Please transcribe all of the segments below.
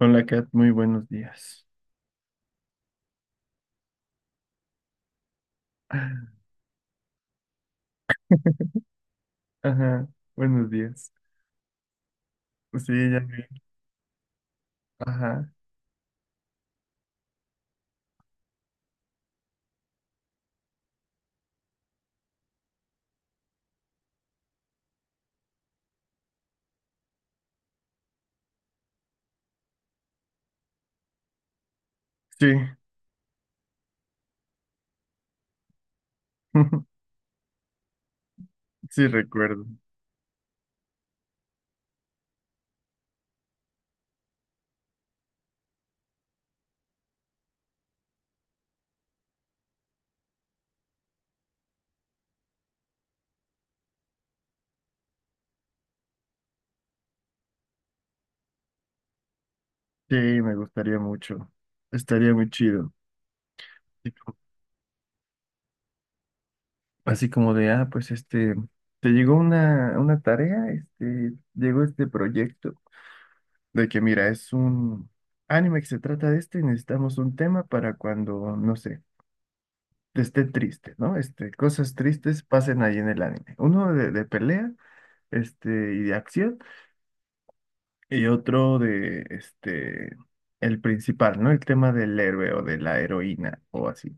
Hola Kat, muy buenos días. Ajá, buenos días. Sí, ya vi. Ajá, sí, sí recuerdo. Sí, me gustaría mucho. Estaría muy chido. Así co- Así como de, te llegó una tarea, llegó este proyecto de que mira, es un anime que se trata de esto y necesitamos un tema para cuando, no sé, esté triste, ¿no? Este, cosas tristes pasen ahí en el anime. Uno de pelea, este, y de acción. Y otro de, el principal, ¿no? El tema del héroe o de la heroína o así.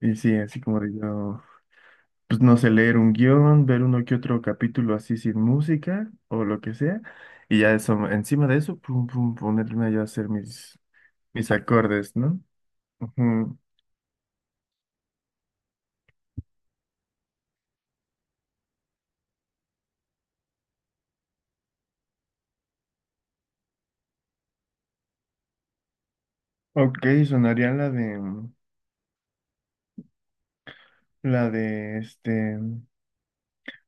Y sí, así como digo, pues no sé, leer un guión, ver uno que otro capítulo así sin música o lo que sea. Y ya eso, encima de eso, pum, pum, ponerme yo a hacer mis acordes, ¿no? Ujú. Ok, sonaría la de, la de, este,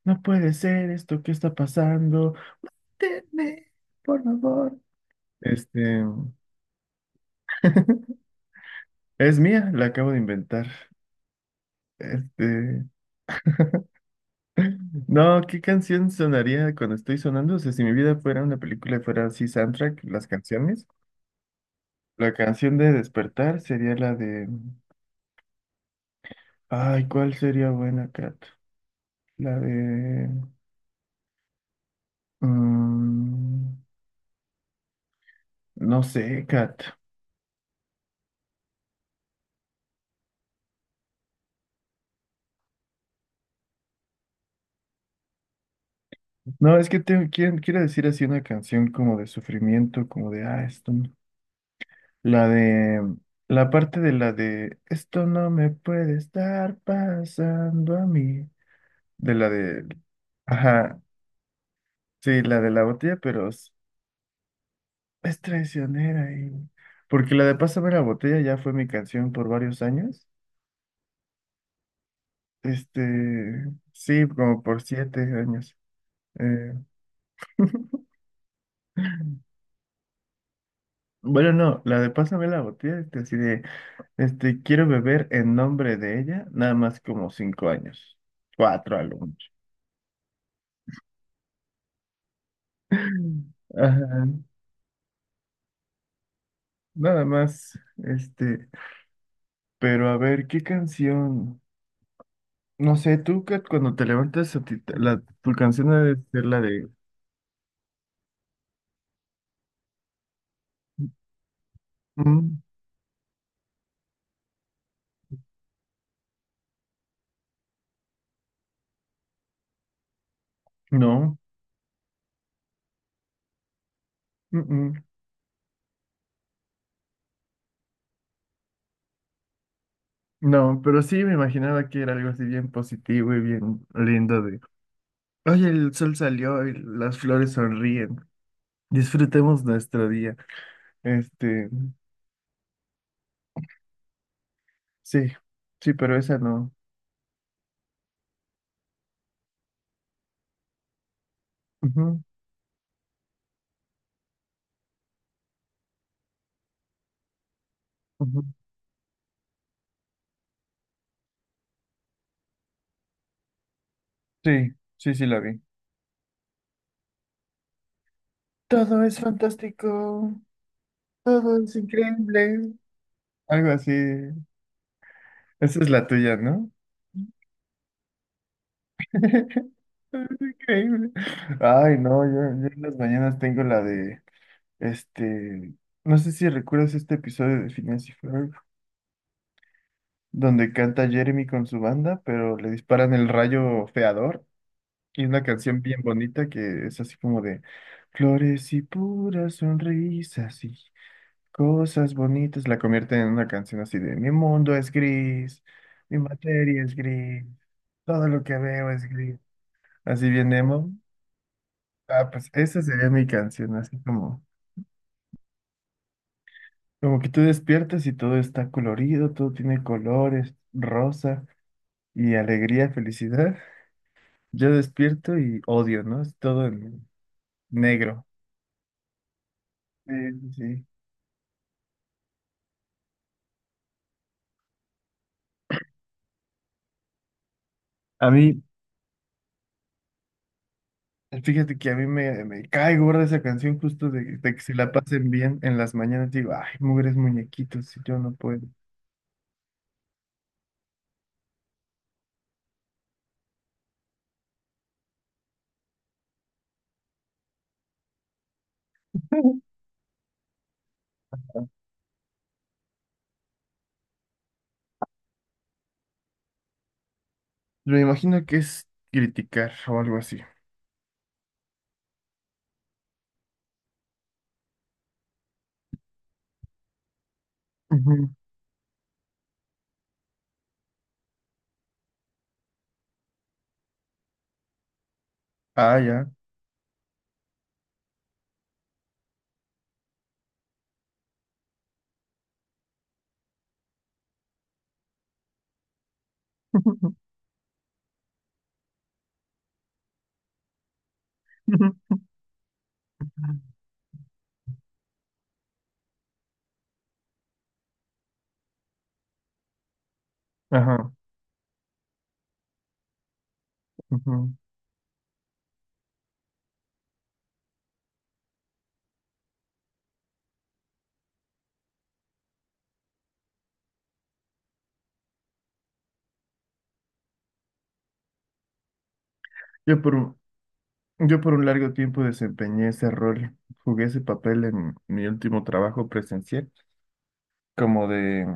no puede ser esto, ¿qué está pasando? Tenme, por favor. Este, es mía, la acabo de inventar. Este, no, ¿qué canción sonaría cuando estoy sonando? O sea, si mi vida fuera una película y fuera así soundtrack, las canciones. La canción de Despertar sería la de... Ay, ¿cuál sería buena, Kat? La de... mm, no sé, Kat. No, es que tengo, quiero decir así una canción como de sufrimiento, como de... Ah, esto... no. La de... La parte de la de... Esto no me puede estar pasando a mí. De la de... Ajá, sí, la de la botella, pero es traicionera. Y... Porque la de Pásame la botella ya fue mi canción por varios años. Este, sí, como por 7 años. Eh, bueno, no, la de Pásame la botella, así de, quiero beber en nombre de ella, nada más como 5 años, cuatro a lo mucho. Ajá, nada más, este, pero a ver, ¿qué canción? No sé, tú que cuando te levantas, a ti te- la, tu canción debe ser la de... Mm, no, mm, mm, no, pero sí me imaginaba que era algo así bien positivo y bien lindo de... Oye, el sol salió y las flores sonríen. Disfrutemos nuestro día. Este, sí, sí, pero esa no. Ujú, ujú. Sí, sí, sí la vi. Todo es fantástico, todo es increíble. Algo así. Esa es la tuya, ¿no? Es increíble. Ay, no, yo en las mañanas tengo la de, este, no sé si recuerdas este episodio de Phineas y Ferb, donde canta Jeremy con su banda, pero le disparan el rayo feador y una canción bien bonita que es así como de flores y puras sonrisas y cosas bonitas, la convierten en una canción así de mi mundo es gris, mi materia es gris, todo lo que veo es gris, así bien emo. Ah, pues esa sería mi canción, así como, como que tú despiertas y todo está colorido, todo tiene colores, rosa y alegría, felicidad. Yo despierto y odio, ¿no? Es todo en negro. Sí, sí, sí. A mí, fíjate que a mí me cae gorda esa canción justo de que se la pasen bien en las mañanas. Digo, ay, mugres muñequitos, si yo no puedo. Me imagino que es criticar o algo así. Ujú. Ah, ya. Ajá. Ujú. Yo por un, yo por un largo tiempo desempeñé ese rol, jugué ese papel en mi último trabajo presencial, como de,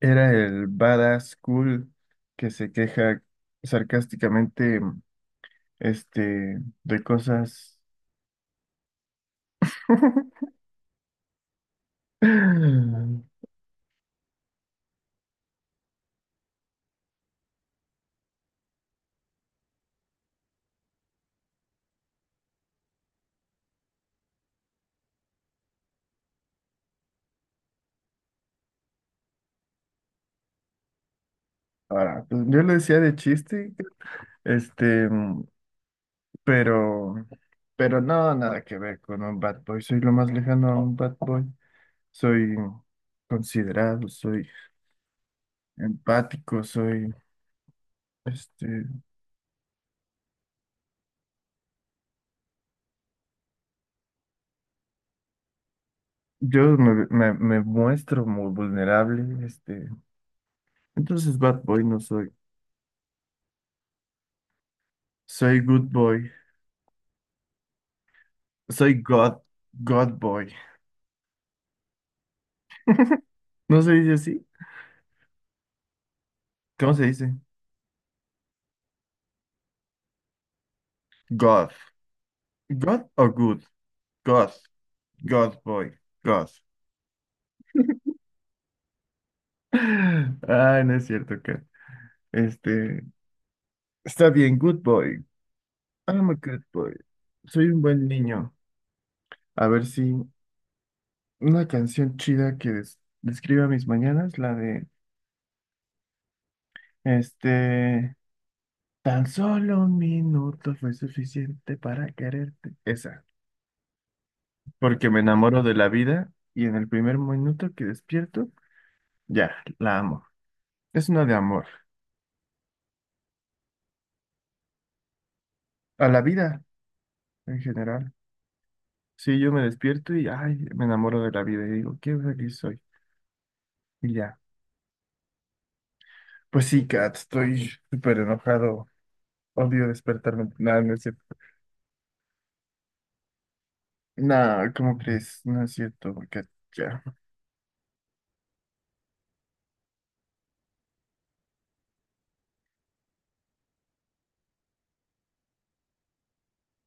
era el badass cool que se queja sarcásticamente, de cosas. Ahora, pues, yo lo decía de chiste, este, pero, pero no, nada que ver con un bad boy, soy lo más lejano a un bad boy, soy considerado, soy... Empático soy. Este, Me muestro muy vulnerable. Entonces bad boy no soy. Soy good boy. Soy God, God boy. ¿No se dice así? ¿Cómo se dice? God. God o good. God. God boy. God. Ay, no es cierto que. Este, Está bien, good boy. I'm a good boy. Soy un buen niño. A ver si una canción chida que describa mis mañanas, la de... Este, tan solo un minuto fue suficiente para quererte. Esa, porque me enamoro de la vida y en el primer minuto que despierto, ya, la amo. Es una de amor. A la vida en general. Sí, yo me despierto y, ay, me enamoro de la vida y digo, qué feliz soy. Y ya. Pues sí, Kat, estoy súper enojado. Odio despertarme. Nada, no es cierto. Nah, ¿cómo crees? No es cierto, Kat. Ya.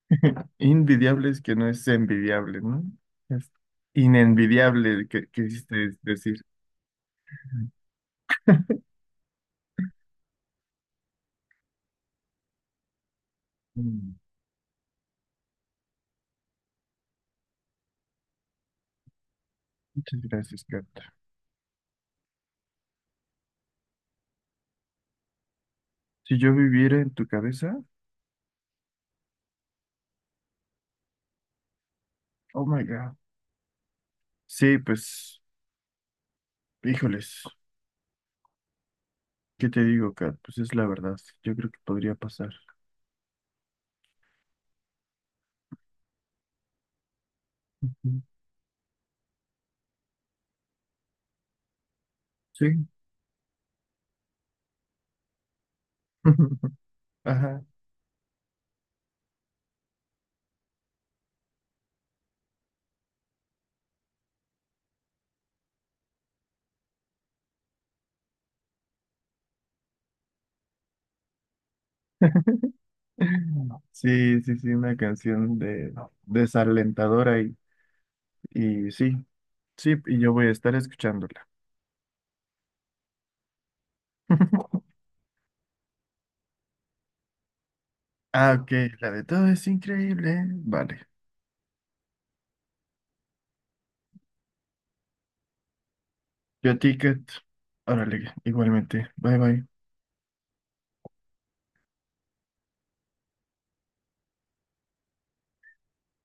Invidiable es que no es envidiable, ¿no? Es inenvidiable, que quisiste decir. Mm, muchas gracias, Kat. Si yo viviera en tu cabeza, oh my God. Sí, pues, híjoles, ¿qué te digo, Kat? Pues es la verdad. Yo creo que podría pasar. Ujú. Sí. Ajá. Sí, sí, sí, una canción de desalentadora y sí, sí, y yo voy a estar escuchándola. Ah, ok, la de todo es increíble. Vale. Yo a ticket. Órale, igualmente. Bye bye.